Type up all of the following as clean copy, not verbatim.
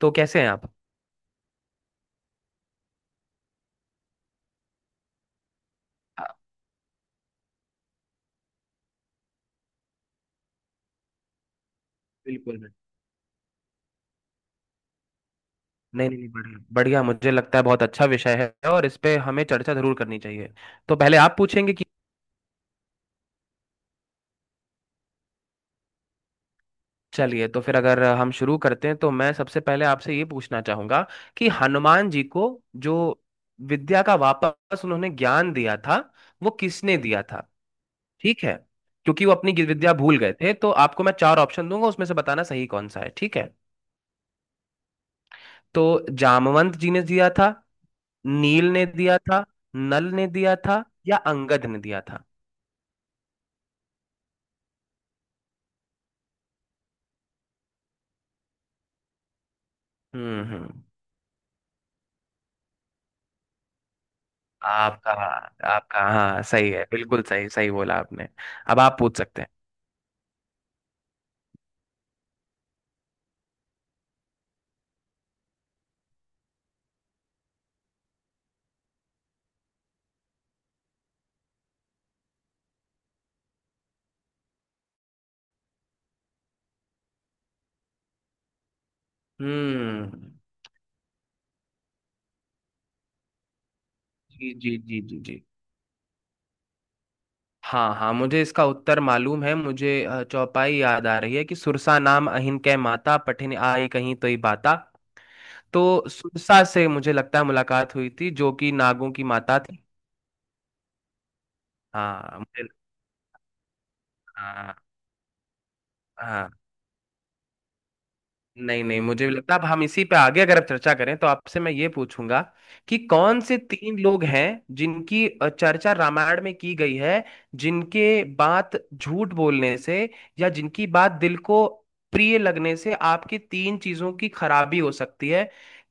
तो कैसे हैं आप? आ, बिल्कुल बिल्कुल। नहीं नहीं नहीं, बढ़िया बढ़िया। मुझे लगता है बहुत अच्छा विषय है और इस पे हमें चर्चा जरूर करनी चाहिए। तो पहले आप पूछेंगे कि चलिए, तो फिर अगर हम शुरू करते हैं तो मैं सबसे पहले आपसे ये पूछना चाहूंगा कि हनुमान जी को जो विद्या का वापस उन्होंने ज्ञान दिया था, वो किसने दिया था? ठीक है। क्योंकि वो अपनी विद्या भूल गए थे, तो आपको मैं चार ऑप्शन दूंगा, उसमें से बताना सही कौन सा है, ठीक है। तो जामवंत जी ने दिया था, नील ने दिया था, नल ने दिया था या अंगद ने दिया था? हम्म। आपका आपका हाँ, सही है। बिल्कुल सही, सही बोला आपने। अब आप पूछ सकते हैं। हम्म। जी जी जी जी जी। हाँ हाँ, मुझे इसका उत्तर मालूम है। मुझे चौपाई याद आ रही है कि सुरसा नाम अहिन कै माता पठिन आए कहीं तो ही बाता। तो सुरसा से मुझे लगता है मुलाकात हुई थी, जो कि नागों की माता थी। हाँ मुझे। हाँ हाँ। नहीं नहीं, मुझे भी लगता है। अब हम इसी पे आगे अगर आप चर्चा करें, तो आपसे मैं ये पूछूंगा कि कौन से तीन लोग हैं जिनकी चर्चा रामायण में की गई है, जिनके बात झूठ बोलने से या जिनकी बात दिल को प्रिय लगने से आपकी तीन चीजों की खराबी हो सकती है,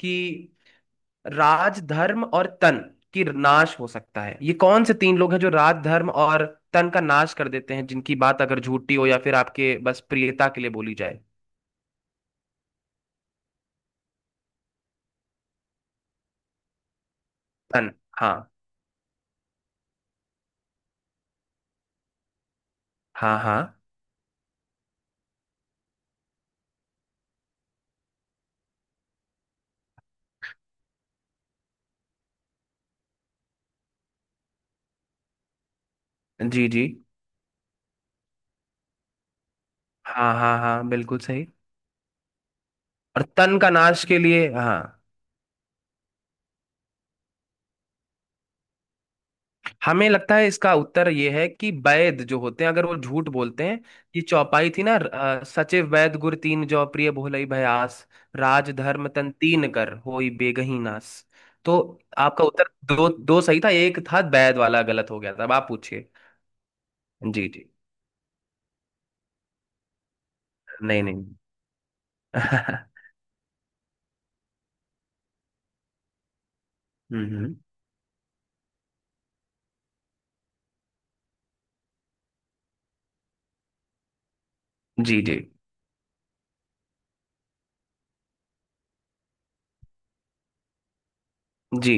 कि राज, धर्म और तन की नाश हो सकता है। ये कौन से तीन लोग हैं जो राज, धर्म और तन का नाश कर देते हैं, जिनकी बात अगर झूठी हो या फिर आपके बस प्रियता के लिए बोली जाए? तन। हाँ। हाँ हाँ। जी जी। हाँ हाँ हाँ, बिल्कुल सही। और तन का नाश के लिए हाँ। हमें लगता है इसका उत्तर ये है कि वैद जो होते हैं, अगर वो झूठ बोलते हैं। कि चौपाई थी ना, सचिव वैद गुर तीन जौ प्रिय भोलई भयास, राज धर्म तन तीन कर होई बेगही नास। तो आपका उत्तर दो दो सही था, एक था वैद वाला गलत हो गया था। अब आप पूछिए। जी जी। नहीं नहीं। हम्म। जी जी जी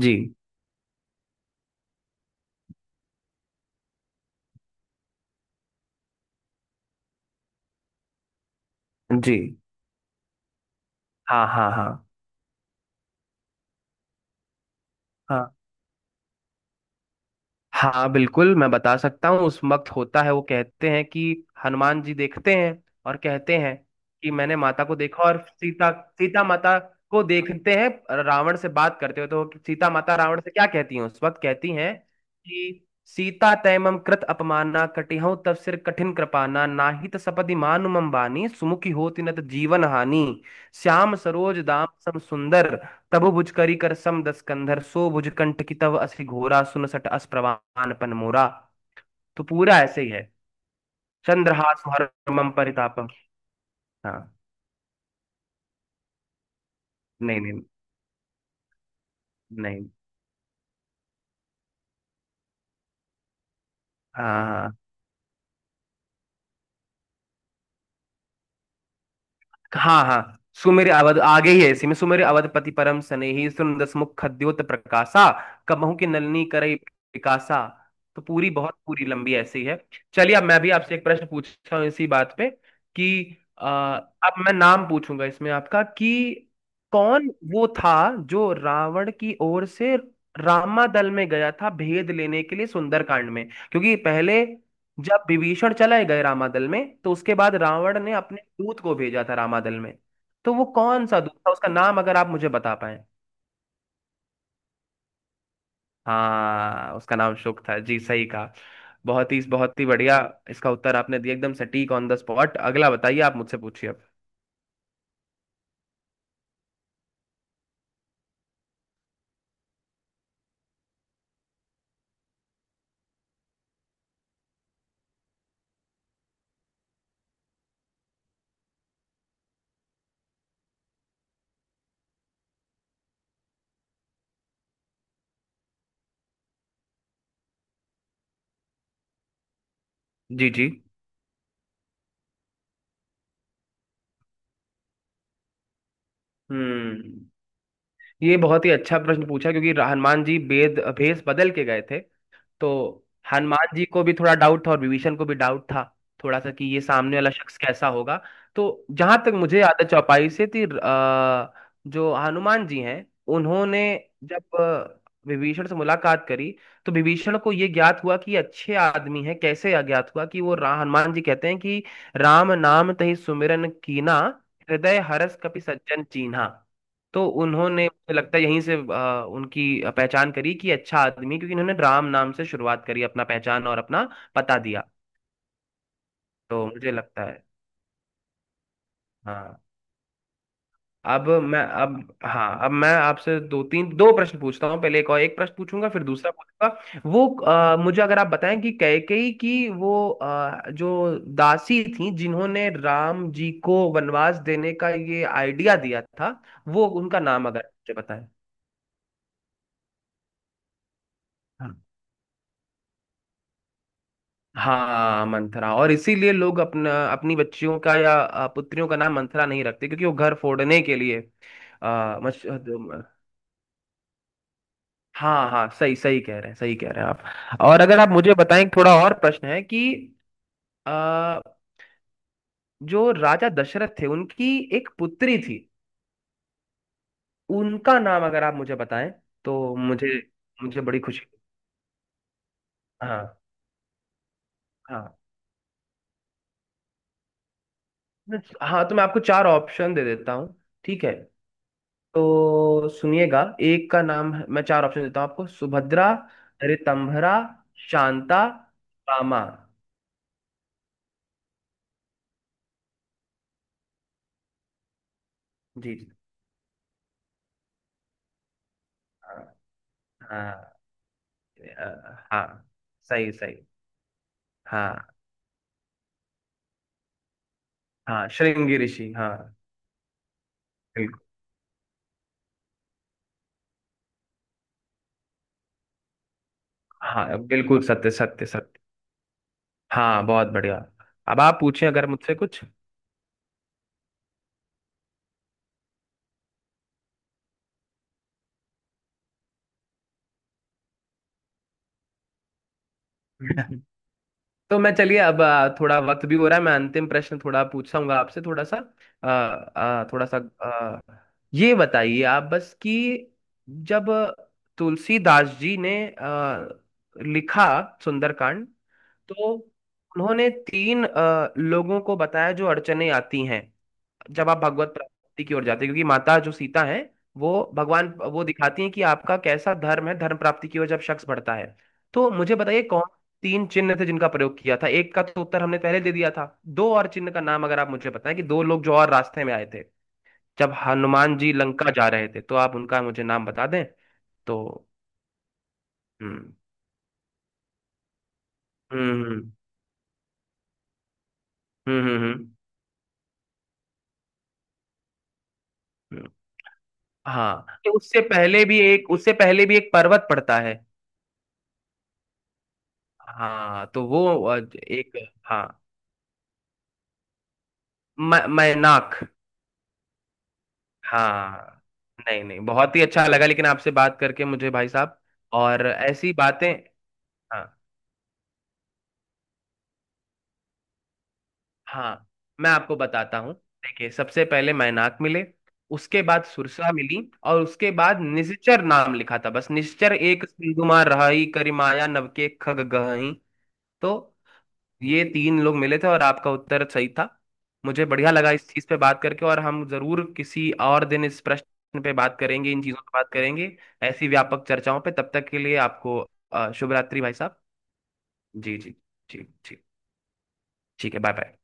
जी जी। हाँ हाँ हाँ हाँ, बिल्कुल मैं बता सकता हूँ। उस वक्त होता है, वो कहते हैं कि हनुमान जी देखते हैं और कहते हैं कि मैंने माता को देखा, और सीता सीता माता को देखते हैं रावण से बात करते हुए। तो सीता माता रावण से क्या कहती हैं उस वक्त? कहती हैं कि सीता तैमम कृत अपमाना कटिहउँ तव सिर कठिन कृपाना, नाहि त सपदि मानु मम बानी सुमुखी होति न त जीवन हानि। श्याम सरोज दाम सम सुंदर, तबु भुज करी कर सम दस कंधर, सो भुज कंठ की तव असि घोरा, सुन सट अस प्रवान पन मोरा। तो पूरा ऐसे ही है। चंद्रहास हर मम परितापम। हाँ। नहीं नहीं नहीं। हाँ हाँ, हाँ। हाँ हाँ। सुमेर अवध आगे ही है, इसी में सुमेर अवधपति परम स्नेही सुंदस मुख खद्योत प्रकाशा कबहू की नलनी करई पिकासा। तो पूरी बहुत, पूरी लंबी ऐसी है। चलिए, अब मैं भी आपसे एक प्रश्न पूछता हूँ इसी बात पे कि अब मैं नाम पूछूंगा इसमें आपका, कि कौन वो था जो रावण की ओर से रामादल में गया था भेद लेने के लिए सुंदरकांड में, क्योंकि पहले जब विभीषण चले गए रामादल में तो उसके बाद रावण ने अपने दूत को भेजा था रामादल में। तो वो कौन सा दूत था, उसका नाम अगर आप मुझे बता पाए। हाँ, उसका नाम शुक था जी, सही कहा। बहुत ही, बहुत ही बढ़िया। इसका उत्तर आपने दिया एकदम सटीक, ऑन द स्पॉट। अगला बताइए, आप मुझसे पूछिए अब। जी जी। हम्म। ये बहुत ही अच्छा प्रश्न पूछा, क्योंकि हनुमान जी वेद भेष बदल के गए थे। तो हनुमान जी को भी थोड़ा डाउट था और विभीषण को भी डाउट था थोड़ा सा, कि ये सामने वाला शख्स कैसा होगा। तो जहां तक मुझे याद है, चौपाई से थी। जो हनुमान जी हैं उन्होंने जब विभीषण से मुलाकात करी, तो विभीषण को ये ज्ञात हुआ कि ये अच्छे आदमी हैं। कैसे ज्ञात हुआ कि वो, हनुमान जी कहते हैं कि राम नाम तहि सुमिरन कीना, हृदय हरस कपि सज्जन चीन्हा। तो उन्होंने मुझे लगता है यहीं से उनकी पहचान करी कि अच्छा आदमी, क्योंकि इन्होंने राम नाम से शुरुआत करी, अपना पहचान और अपना पता दिया। तो मुझे लगता है। हाँ। अब मैं अब हाँ, अब मैं आपसे दो तीन दो प्रश्न पूछता हूँ, पहले एक, और एक प्रश्न पूछूंगा फिर दूसरा पूछूंगा। वो मुझे अगर आप बताएं कि कैकेयी की वो जो दासी थी जिन्होंने राम जी को वनवास देने का ये आइडिया दिया था, वो उनका नाम अगर मुझे बताएं। हाँ। हाँ, मंथरा। और इसीलिए लोग अपना अपनी बच्चियों का या पुत्रियों का नाम मंथरा नहीं रखते, क्योंकि वो घर फोड़ने के लिए आ, मच, हाँ हाँ, सही सही कह रहे हैं, सही कह रहे हैं आप। और अगर आप मुझे बताएं, थोड़ा और प्रश्न है कि आ, जो राजा दशरथ थे, उनकी एक पुत्री थी, उनका नाम अगर आप मुझे बताएं तो मुझे मुझे बड़ी खुशी। हाँ हाँ हाँ, तो मैं आपको चार ऑप्शन दे देता हूँ, ठीक है? तो सुनिएगा, एक का नाम है, मैं चार ऑप्शन देता हूँ आपको: सुभद्रा, रितंभरा, शांता, रामा। जी जी, हाँ हाँ, हाँ, सही सही। हाँ हाँ, श्रृंगी ऋषि, हाँ। बिल्कुल, हाँ बिल्कुल, सत्य सत्य सत्य। हाँ, बहुत बढ़िया। अब आप पूछें अगर मुझसे कुछ। तो मैं चलिए, अब थोड़ा वक्त भी हो रहा है, मैं अंतिम प्रश्न थोड़ा पूछूंगा आपसे, थोड़ा सा, ये बताइए आप, बस कि जब तुलसीदास जी ने लिखा सुंदरकांड, तो उन्होंने तीन लोगों को बताया जो अड़चने आती हैं जब आप भगवत प्राप्ति की ओर जाते हैं। क्योंकि माता जो सीता है, वो भगवान वो दिखाती है कि आपका कैसा धर्म है, धर्म प्राप्ति की ओर जब शख्स बढ़ता है। तो मुझे बताइए कौन तीन चिन्ह थे जिनका प्रयोग किया था? एक का तो उत्तर हमने पहले दे दिया था, दो और चिन्ह का नाम अगर आप मुझे बताएं, कि दो लोग जो और रास्ते में आए थे जब हनुमान जी लंका जा रहे थे, तो आप उनका मुझे नाम बता दें तो। हम्म हम्म हम्म हम्म हम्म, हम्म। हाँ, कि उससे पहले भी एक पर्वत पड़ता है। हाँ, तो वो अ, एक, हाँ, मैनाक। हाँ, नहीं नहीं, बहुत ही अच्छा लगा लेकिन आपसे बात करके मुझे, भाई साहब, और ऐसी बातें। हाँ हाँ, मैं आपको बताता हूँ। देखिए, सबसे पहले मैनाक मिले, उसके बाद सुरसा मिली, और उसके बाद निश्चर नाम लिखा था बस, निश्चर एक सिंधुमा रहाई करिमाया नवके खग गहई। तो ये तीन लोग मिले थे और आपका उत्तर सही था। मुझे बढ़िया लगा इस चीज पे बात करके, और हम जरूर किसी और दिन इस प्रश्न पे बात करेंगे, इन चीजों पे बात करेंगे, ऐसी व्यापक चर्चाओं पे। तब तक के लिए आपको शुभ रात्रि भाई साहब। जी जी जी जी, ठीक है, बाय बाय।